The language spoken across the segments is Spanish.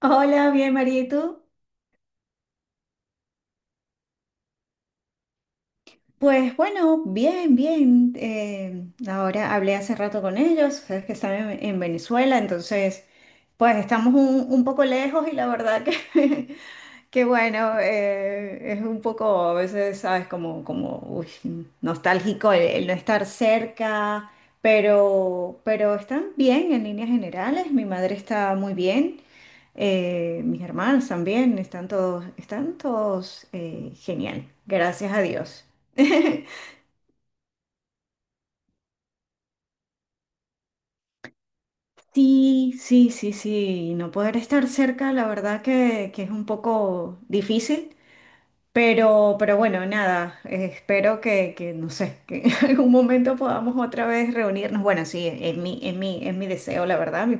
Hola, bien, María, ¿y tú? Pues bueno, bien, bien. Ahora hablé hace rato con ellos, sabes que están en Venezuela, entonces, pues estamos un poco lejos y la verdad que, que bueno, es un poco, a veces, sabes, como, como uy, nostálgico el no estar cerca, pero están bien en líneas generales, mi madre está muy bien. Mis hermanos también están todos genial, gracias a Dios. Sí, sí, sí, sí, no poder estar cerca, la verdad que es un poco difícil. Pero bueno, nada, espero que, no sé, que en algún momento podamos otra vez reunirnos. Bueno, sí, es mi deseo, la verdad.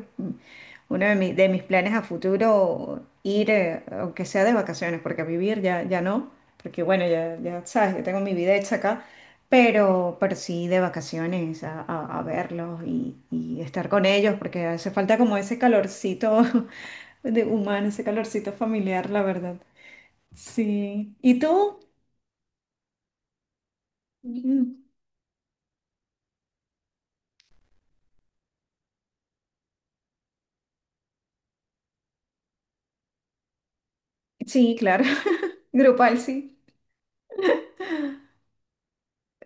Uno de, de mis planes a futuro, ir, aunque sea de vacaciones, porque a vivir ya, ya no, porque bueno, ya, ya sabes, yo tengo mi vida hecha acá, pero sí de vacaciones a verlos y estar con ellos, porque hace falta como ese calorcito de humano, ese calorcito familiar, la verdad. Sí. ¿Y tú? Mm. Sí, claro. Grupal, sí.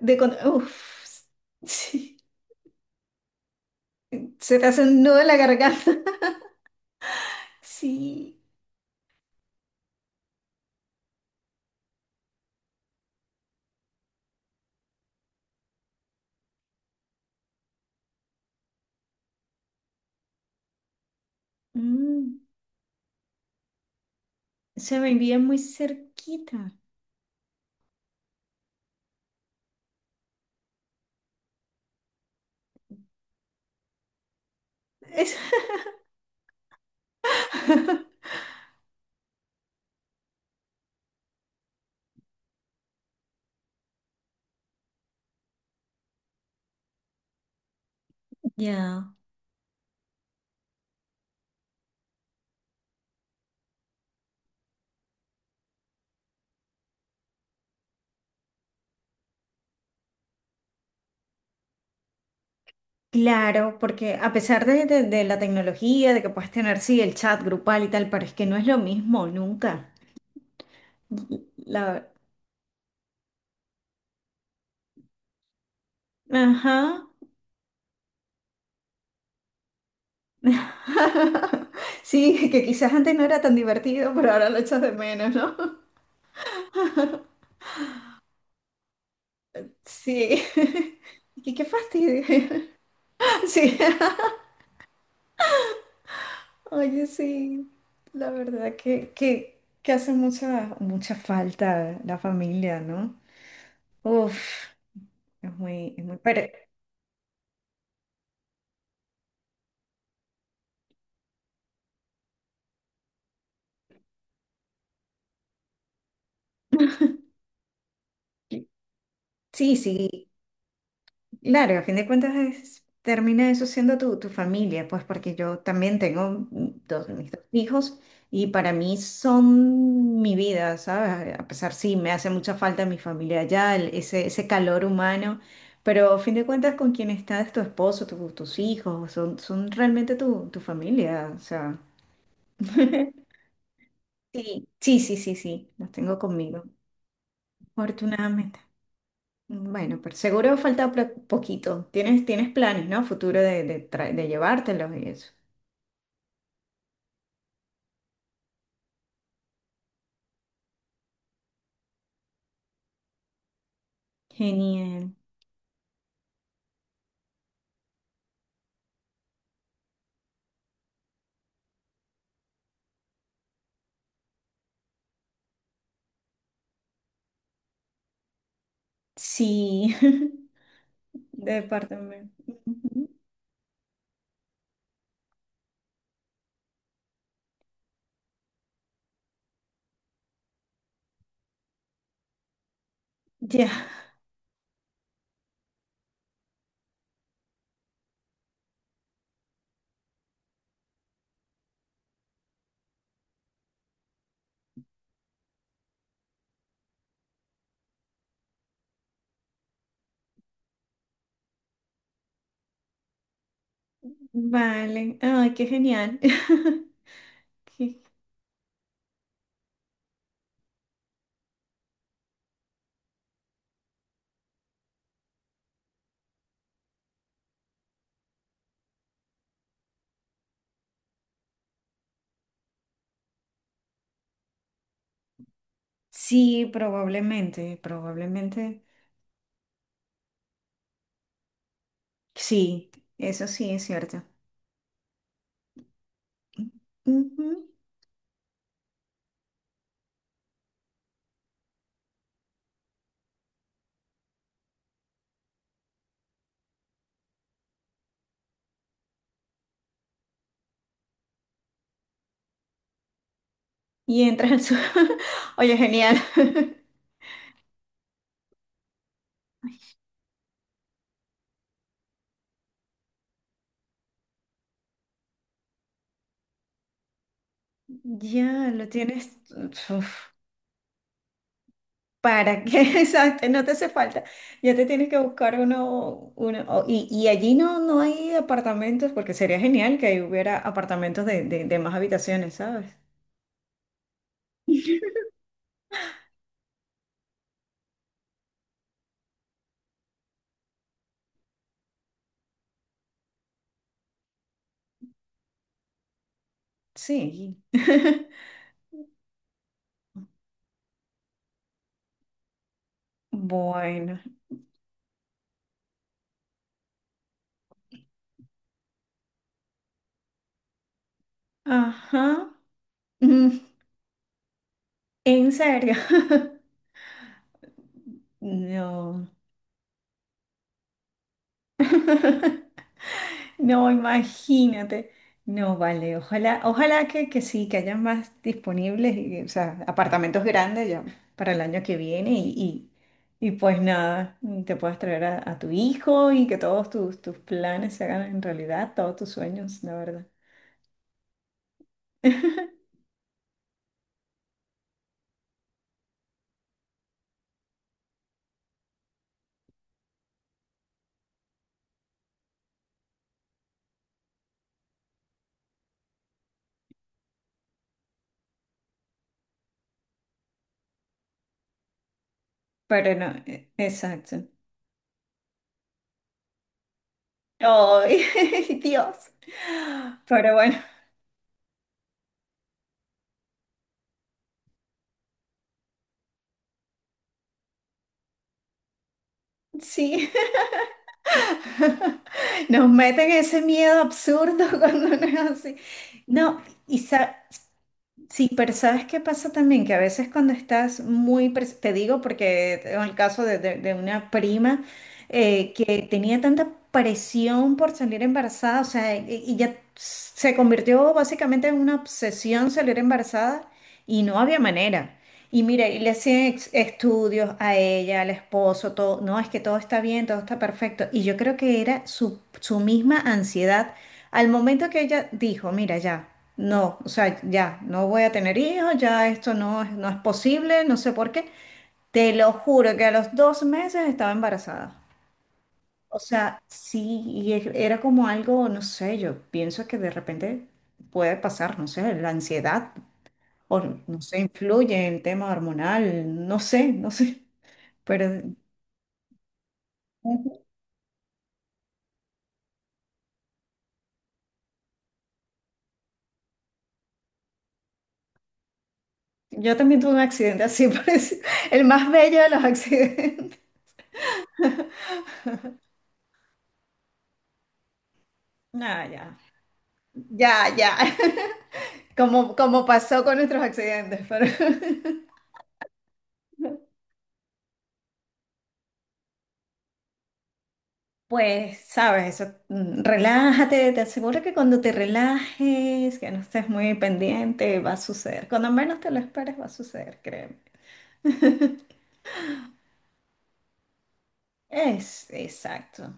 De con- Uf, sí. Se te hace un nudo en la garganta. Sí. Mm. Se me envía muy cerquita. Es- Ya. Claro, porque a pesar de, de la tecnología, de que puedes tener, sí, el chat grupal y tal, pero es que no es lo mismo nunca. La... Ajá. Sí, que quizás antes no era tan divertido, pero ahora lo echas de menos, ¿no? Sí. Y qué fastidio. Sí. Oye, sí. La verdad que hace mucha, mucha falta la familia, ¿no? Uf, es muy... Pero, sí, sí. Claro, a fin de cuentas es- termina eso siendo tu familia, pues porque yo también tengo dos, mis dos hijos y para mí son mi vida, ¿sabes? A pesar, sí, me hace mucha falta mi familia allá, el- ese calor humano, pero a fin de cuentas con quien estás, tu esposo, tu- tus hijos, son, son realmente tu familia, o sea. Sí, sí, sí, sí, sí, los tengo conmigo, afortunadamente. Bueno, pero seguro falta pro- poquito. Tienes, tienes planes, ¿no? Futuro tra- de llevártelos y eso. Genial. Sí, departamento. Ujú. Ya, vale. Ay, qué genial. Qué- Sí, probablemente, probablemente. Sí, eso sí es cierto. Ujú. Y entras al su- Oye, genial. Ya, lo tienes. Uf. ¿Para que Exacto, no te hace falta. Ya te tienes que buscar uno, uno o- y allí no, no hay apartamentos, porque sería genial que ahí hubiera apartamentos de más habitaciones, ¿sabes? Sí. Bueno. Ajá. Mm, ¿en serio? No. No, imagínate. No, vale, ojalá, ojalá que sí, que hayan más disponibles, y, o sea, apartamentos grandes ya para el año que viene y pues nada, te puedas traer a tu hijo y que todos tus, tus planes se hagan en realidad, todos tus sueños, la verdad. Pero no, e- exacto. ¡Ay, Dios! Pero bueno, sí, nos meten ese miedo absurdo cuando no es así. No, y, sa- sí, pero ¿sabes qué pasa también? Que a veces cuando estás muy, pres- te digo porque tengo el caso de, de una prima que tenía tanta presión por salir embarazada, o sea, y ya se convirtió básicamente en una obsesión salir embarazada y no había manera. Y mira, y le hacían ex- estudios a ella, al esposo, todo, no, es que todo está bien, todo está perfecto. Y yo creo que era su, su misma ansiedad al momento que ella dijo, mira, ya, no, o sea, ya, no voy a tener hijos, ya esto no, es- no es posible, no sé por qué, te lo juro que a los dos meses estaba embarazada. O sea, sí, y e- era como algo, no sé, yo pienso que de repente puede pasar, no sé, la ansiedad, o no sé, influye el tema hormonal, no sé, no sé, pero yo también tuve un accidente así, parecido, el más bello de los accidentes. No, ya, ya, ya. Como, como pasó con nuestros accidentes, pero pues, sabes, eso, mm, relájate, te aseguro que cuando te relajes, que no estés muy pendiente, va a suceder. Cuando menos te lo esperes, va a suceder, créeme. Es, exacto.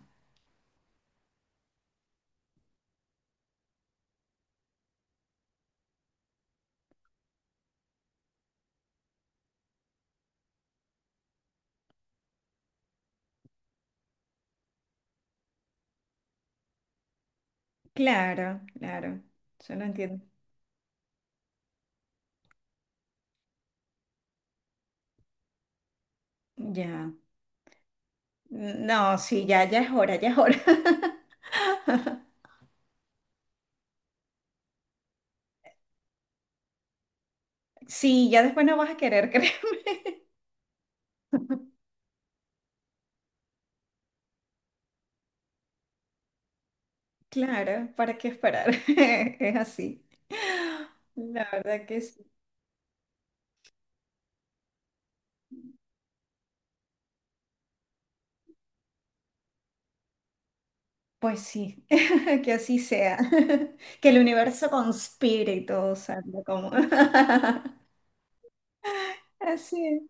Claro, claro. Yo lo entiendo. Ya. No, sí, ya, ya es hora, ya es hora. Sí, ya después no vas a querer, créeme. Claro, ¿para qué esperar? Es así. La verdad que sí. Pues sí, que así sea. Que el universo conspire y todo salga como. Así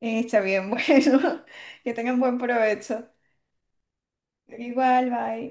es. Está bien, bueno. Que tengan buen provecho. Igual, bye.